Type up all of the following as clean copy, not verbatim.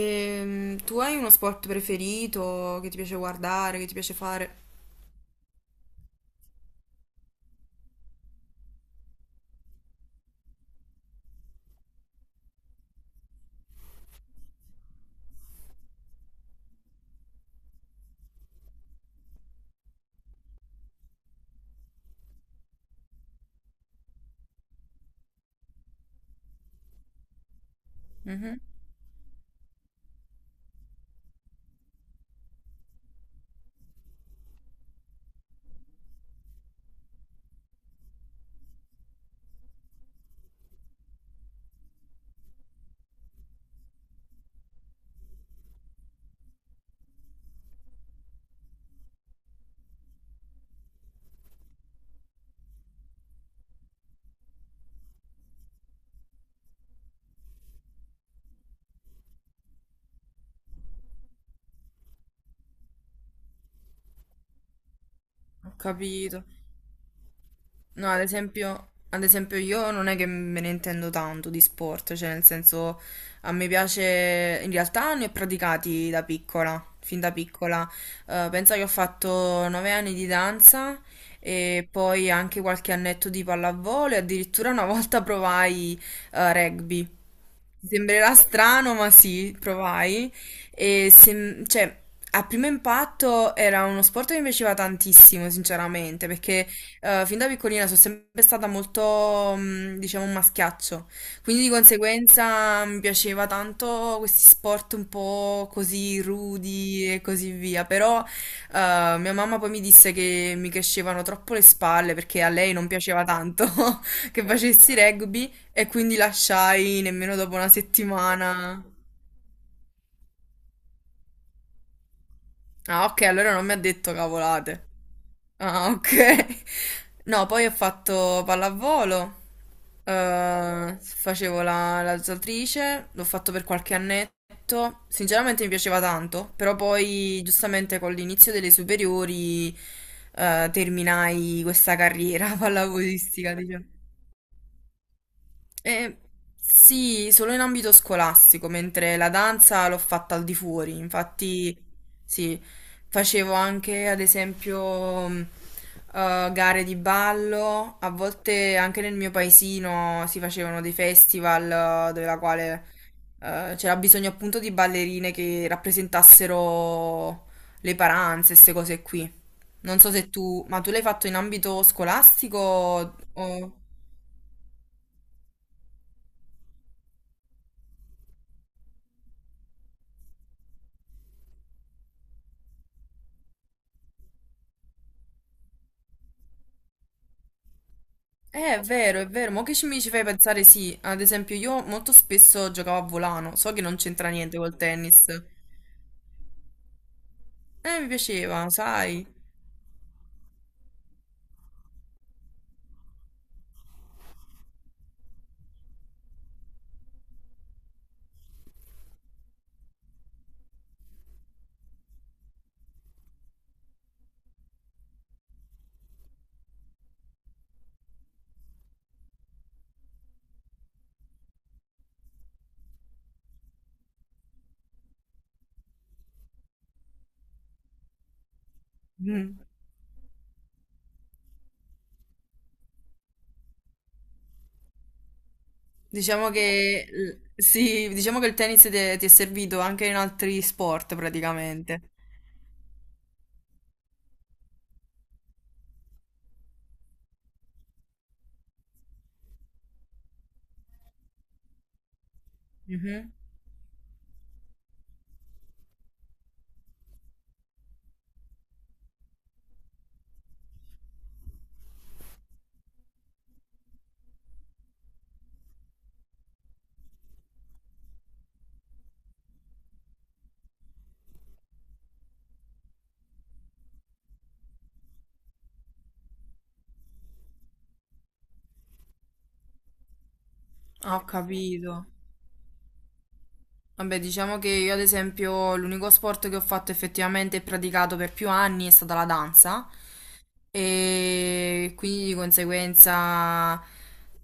E tu hai uno sport preferito che ti piace guardare, che ti piace fare? Mhm. Ho capito. No, ad esempio io non è che me ne intendo tanto di sport, cioè nel senso a me piace, in realtà ne ho praticati da piccola, fin da piccola. Penso che ho fatto 9 anni di danza e poi anche qualche annetto di pallavolo e addirittura una volta provai rugby. Ti sembrerà strano, ma sì, provai. Cioè, a primo impatto era uno sport che mi piaceva tantissimo, sinceramente, perché fin da piccolina sono sempre stata molto, diciamo, un maschiaccio. Quindi di conseguenza mi piaceva tanto questi sport un po' così rudi e così via. Però mia mamma poi mi disse che mi crescevano troppo le spalle perché a lei non piaceva tanto che facessi rugby. E quindi lasciai nemmeno dopo una settimana. Ah, ok, allora non mi ha detto cavolate. Ah, ok. No, poi ho fatto pallavolo, facevo la nuotatrice, l'ho fatto per qualche annetto. Sinceramente mi piaceva tanto, però poi giustamente con l'inizio delle superiori terminai questa carriera pallavolistica, diciamo. Eh, sì, solo in ambito scolastico, mentre la danza l'ho fatta al di fuori, infatti sì, facevo anche ad esempio gare di ballo, a volte anche nel mio paesino si facevano dei festival, dove la quale c'era bisogno appunto di ballerine che rappresentassero le paranze, queste cose qui. Non so se tu, ma tu l'hai fatto in ambito scolastico o... è vero, ma che mi ci fai pensare, sì. Ad esempio, io molto spesso giocavo a volano, so che non c'entra niente col tennis. Mi piaceva, sai. Mm. Diciamo che sì, diciamo che il tennis ti è servito anche in altri sport praticamente. Mhm. Ho capito. Vabbè, diciamo che io ad esempio l'unico sport che ho fatto effettivamente e praticato per più anni è stata la danza. E quindi di conseguenza,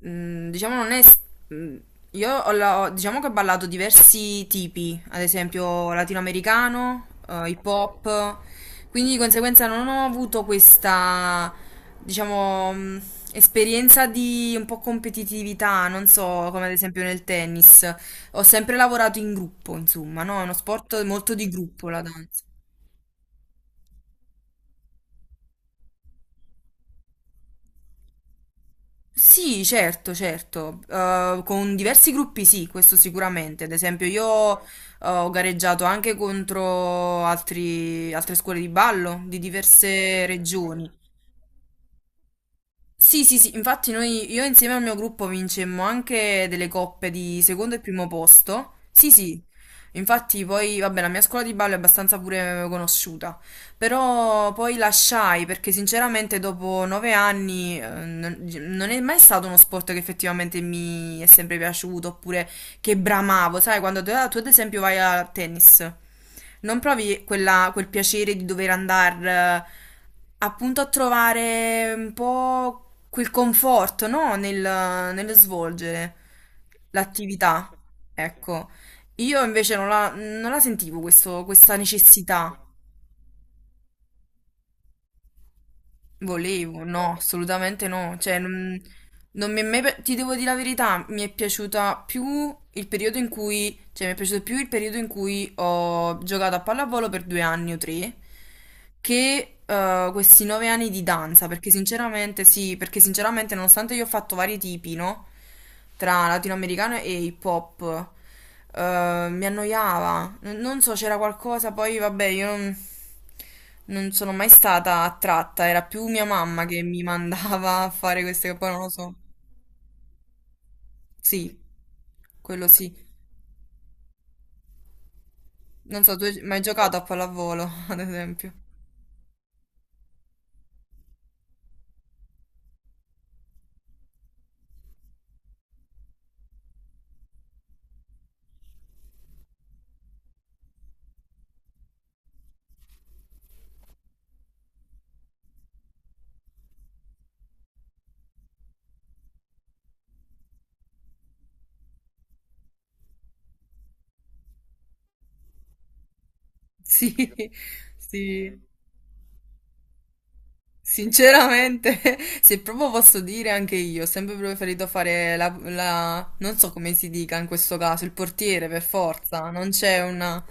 diciamo, non è. Mh, Io diciamo che ho ballato diversi tipi, ad esempio latinoamericano, hip hop, quindi di conseguenza non ho avuto questa, diciamo, esperienza di un po' competitività, non so, come ad esempio nel tennis. Ho sempre lavorato in gruppo, insomma, no? È uno sport molto di gruppo, la danza. Sì, certo, certo. Con diversi gruppi sì, questo sicuramente. Ad esempio, io ho gareggiato anche contro altre scuole di ballo di diverse regioni. Sì, sì, sì, infatti noi, io insieme al mio gruppo vincemmo anche delle coppe di secondo e primo posto. Sì, sì, infatti poi, vabbè, la mia scuola di ballo è abbastanza pure conosciuta, però poi lasciai perché sinceramente dopo 9 anni non è mai stato uno sport che effettivamente mi è sempre piaciuto, oppure che bramavo, sai, quando tu ad esempio vai a tennis, non provi quel piacere di dover andare appunto a trovare un po' quel conforto, no? Nello svolgere l'attività. Ecco, io invece non non la sentivo questa necessità. Volevo, no, assolutamente no. Cioè, non... Non mi è mai... Ti devo dire la verità, mi è piaciuta più il periodo in cui... Cioè, mi è piaciuto più il periodo in cui ho giocato a pallavolo per 2 anni o 3 che questi nove anni di danza, perché sinceramente sì, perché sinceramente nonostante io ho fatto vari tipi, no? Tra latinoamericano e hip hop, mi annoiava. Non so, c'era qualcosa, poi vabbè, io non, non sono mai stata attratta, era più mia mamma che mi mandava a fare queste cose, poi non lo so. Sì, quello sì. Non so, tu hai mai giocato a pallavolo, ad esempio? Sì, sì. Sinceramente, se proprio posso dire anche io, ho sempre preferito fare non so come si dica in questo caso, il portiere per forza, non c'è una...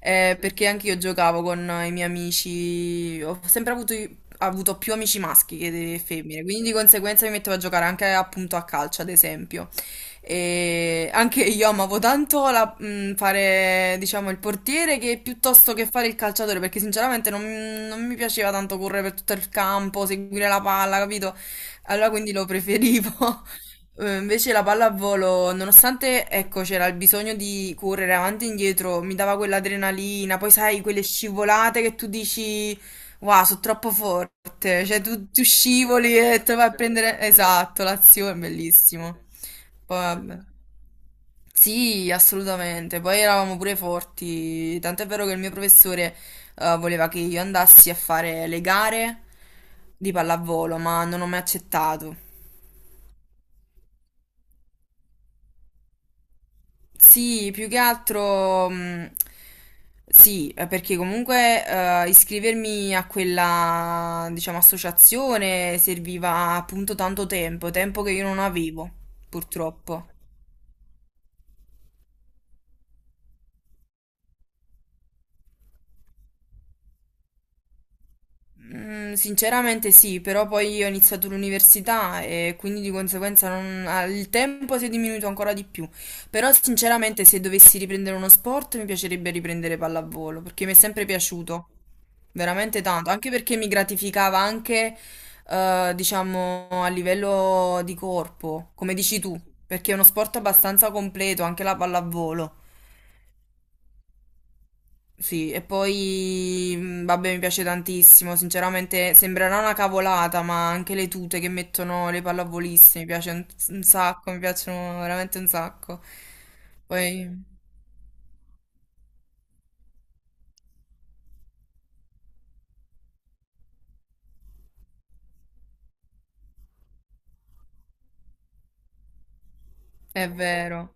Perché anche io giocavo con i miei amici, ho sempre avuto più amici maschi che femmine, quindi di conseguenza mi mettevo a giocare anche appunto a calcio, ad esempio. E anche io amavo tanto fare, diciamo, il portiere, che piuttosto che fare il calciatore, perché sinceramente non, non mi piaceva tanto correre per tutto il campo, seguire la palla, capito? Allora quindi lo preferivo. Invece la pallavolo, nonostante, ecco, c'era il bisogno di correre avanti e indietro, mi dava quell'adrenalina, poi sai, quelle scivolate che tu dici, wow, sono troppo forte, cioè tu scivoli e te vai a prendere, esatto, l'azione, bellissimo. Poi, vabbè. Sì, assolutamente. Poi eravamo pure forti. Tant'è vero che il mio professore voleva che io andassi a fare le gare di pallavolo, ma non ho mai accettato. Sì, più che altro. Sì, perché comunque iscrivermi a quella, diciamo, associazione serviva appunto tanto tempo, tempo che io non avevo, purtroppo. Mm. Sinceramente sì, però poi io ho iniziato l'università e quindi di conseguenza ah, il tempo si è diminuito ancora di più. Però sinceramente se dovessi riprendere uno sport mi piacerebbe riprendere pallavolo perché mi è sempre piaciuto veramente tanto, anche perché mi gratificava anche, diciamo, a livello di corpo, come dici tu, perché è uno sport abbastanza completo, anche la pallavolo. Sì, e poi, vabbè, mi piace tantissimo, sinceramente sembrerà una cavolata, ma anche le tute che mettono le pallavoliste mi piace un sacco, mi piacciono veramente un sacco. Poi, è vero,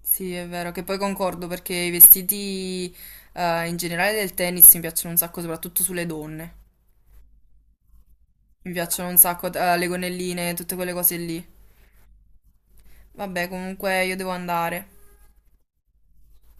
sì, è vero, che poi concordo perché i vestiti, in generale del tennis mi piacciono un sacco, soprattutto sulle donne. Mi piacciono un sacco, le gonnelline, tutte quelle cose lì. Vabbè, comunque io devo andare.